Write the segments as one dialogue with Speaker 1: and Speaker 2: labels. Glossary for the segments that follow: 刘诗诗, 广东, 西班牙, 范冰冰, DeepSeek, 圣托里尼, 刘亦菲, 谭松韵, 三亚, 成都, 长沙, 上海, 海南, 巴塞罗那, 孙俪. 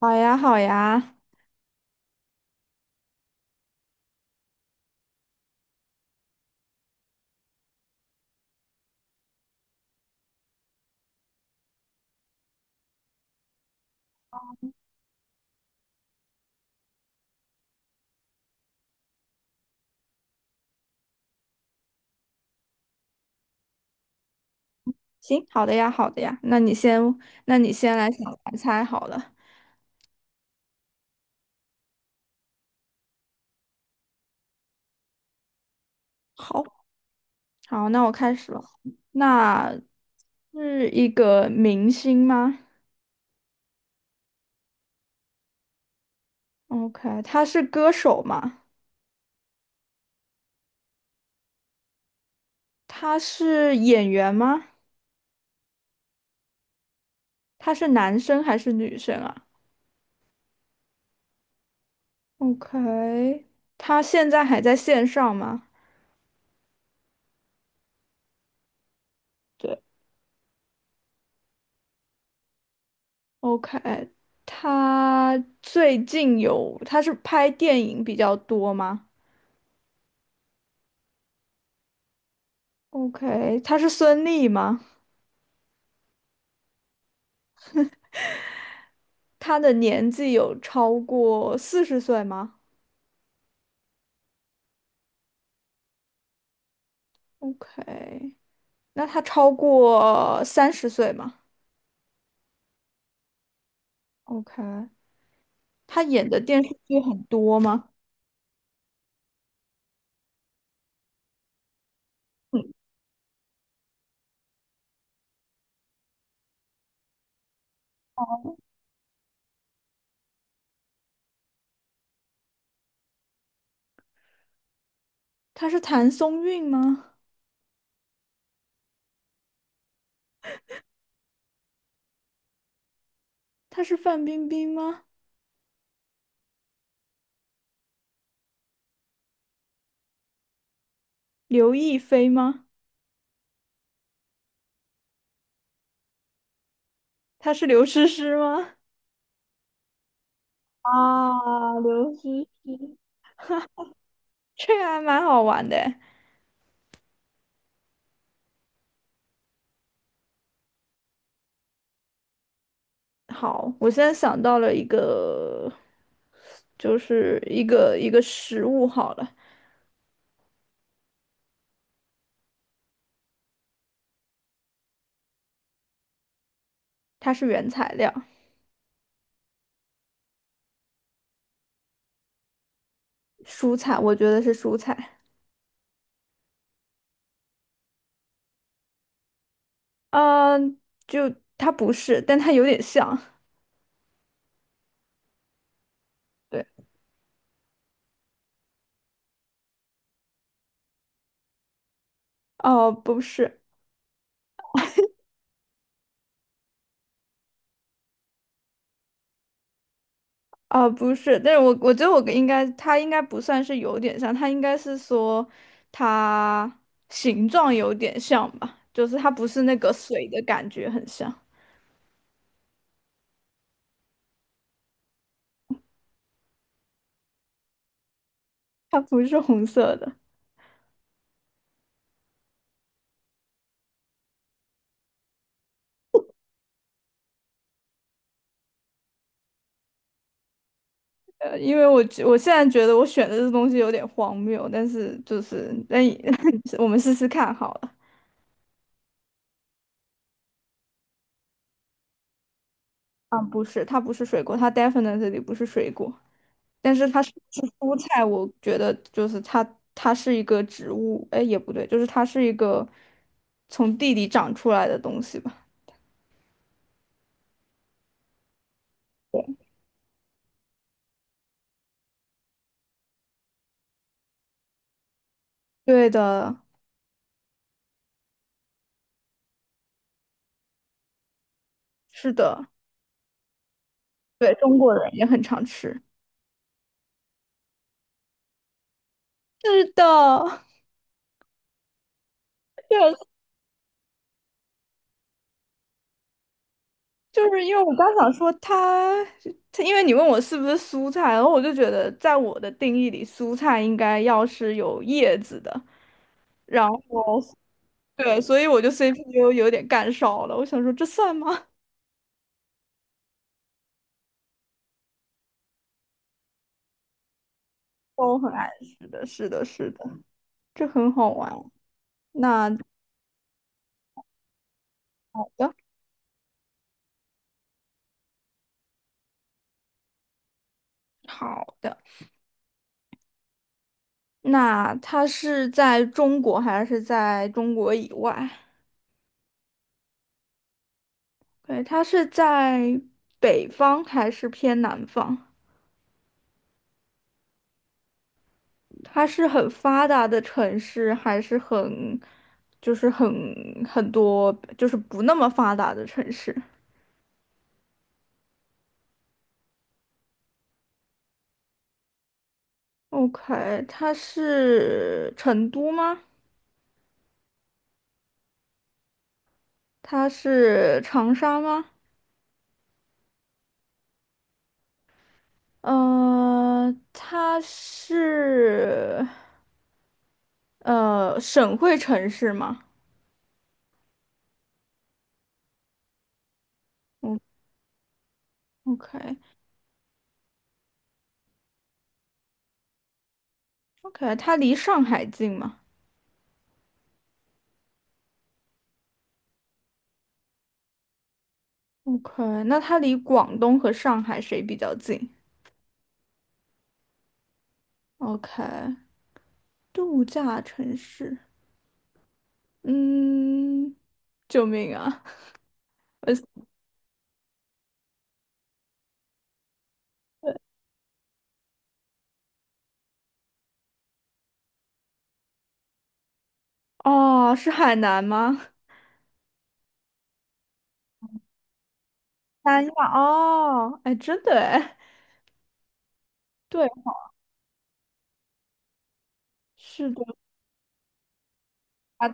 Speaker 1: 好呀，好呀，行，好的呀，好的呀。那你先来想来猜好了。好，好，那我开始了。那是一个明星吗？OK，他是歌手吗？他是演员吗？他是男生还是女生啊？OK，他现在还在线上吗？对，OK，他最近有，他是拍电影比较多吗？OK，他是孙俪吗？他的年纪有超过40岁吗？OK，那他超过30岁吗？OK，他演的电视剧很多吗？嗯，他是谭松韵吗？他是范冰冰吗？刘亦菲吗？他是刘诗诗吗？啊，刘诗诗，这个还蛮好玩的诶。好，我现在想到了一个，就是一个食物好了，它是原材料，蔬菜，我觉得是蔬菜。嗯、就它不是，但它有点像。对。哦，不是。哦，不是。但是我觉得我应该，它应该不算是有点像，它应该是说它形状有点像吧，就是它不是那个水的感觉很像，它不是红色的。因为我现在觉得我选的这东西有点荒谬，但是就是但 我们试试看好了。啊，不是，它不是水果，它 definitely 不是水果。但是它是不是蔬菜，我觉得就是它，它是一个植物，哎，也不对，就是它是一个从地里长出来的东西吧？对的。是的。对，中国人也很常吃。是的。对，就是因为我刚想说它，它因为你问我是不是蔬菜，然后我就觉得在我的定义里，蔬菜应该要是有叶子的，然后对，所以我就 CPU 有点干烧了，我想说这算吗？我很爱吃的，是的，是的。这很好玩。那好的，好的。那它是在中国还是在中国以外？对，它是在北方还是偏南方？它是很发达的城市，还是很，就是很多，就是不那么发达的城市？OK，它是成都吗？它是长沙吗？它是。省会城市吗？嗯，OK OK，它离上海近吗？OK，那它离广东和上海谁比较近？OK，度假城市，嗯，救命啊！我哦，是海南吗？三亚。哦，哎，真的哎！对，是的。啊，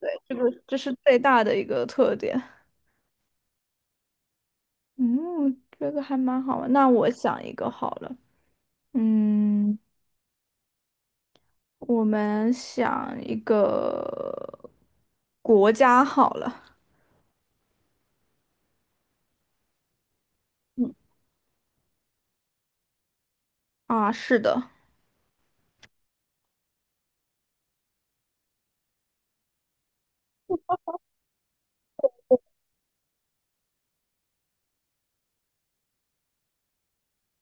Speaker 1: 对，这个这是最大的一个特点。嗯，这个还蛮好玩。那我想一个好了，嗯。我们想一个国家好了。啊，是的，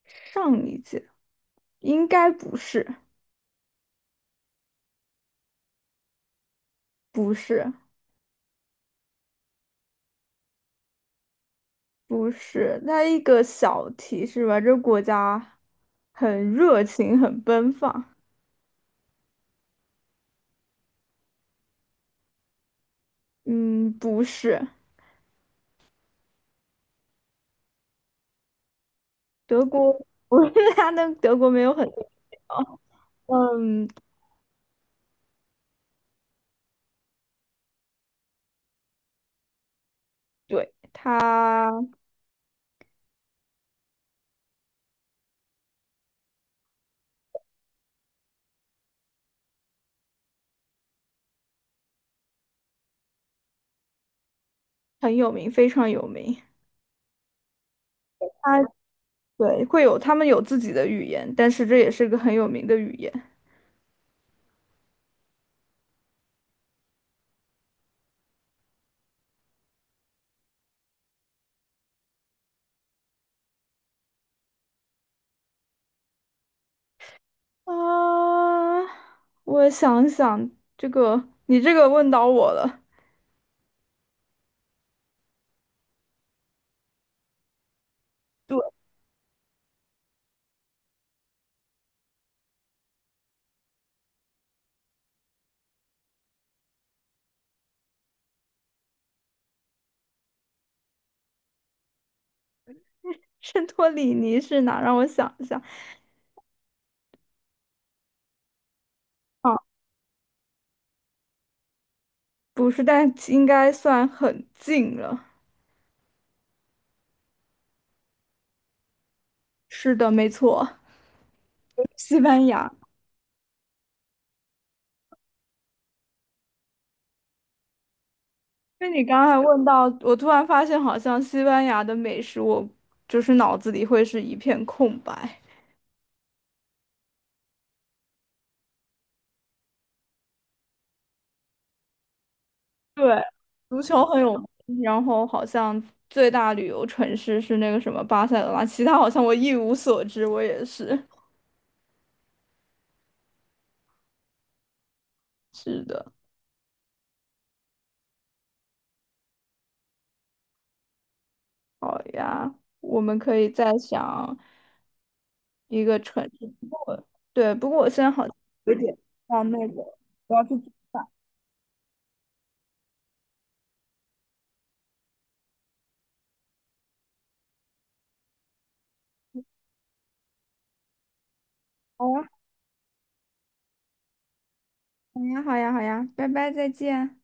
Speaker 1: 上一届应该不是，不是，不是。那一个小提示吧，这国家很热情，很奔放。嗯，不是，德国，我们他的德国没有很多地方。嗯，对，他很有名，非常有名。他对会有，他们有自己的语言，但是这也是个很有名的语言。啊，我想想，这个你这个问到我了。对，圣托里尼是哪？让我想一下。啊，不是，但应该算很近了。是的，没错，西班牙。因为你刚才问到，我突然发现，好像西班牙的美食，我就是脑子里会是一片空白。对，足球很有名，然后好像最大旅游城市是那个什么巴塞罗那，其他好像我一无所知。我也是，是的。呀，我们可以再想一个城市。不过对，不过我现在好像有点像那个，我要去。好呀，好呀，好呀，好呀，拜拜，再见。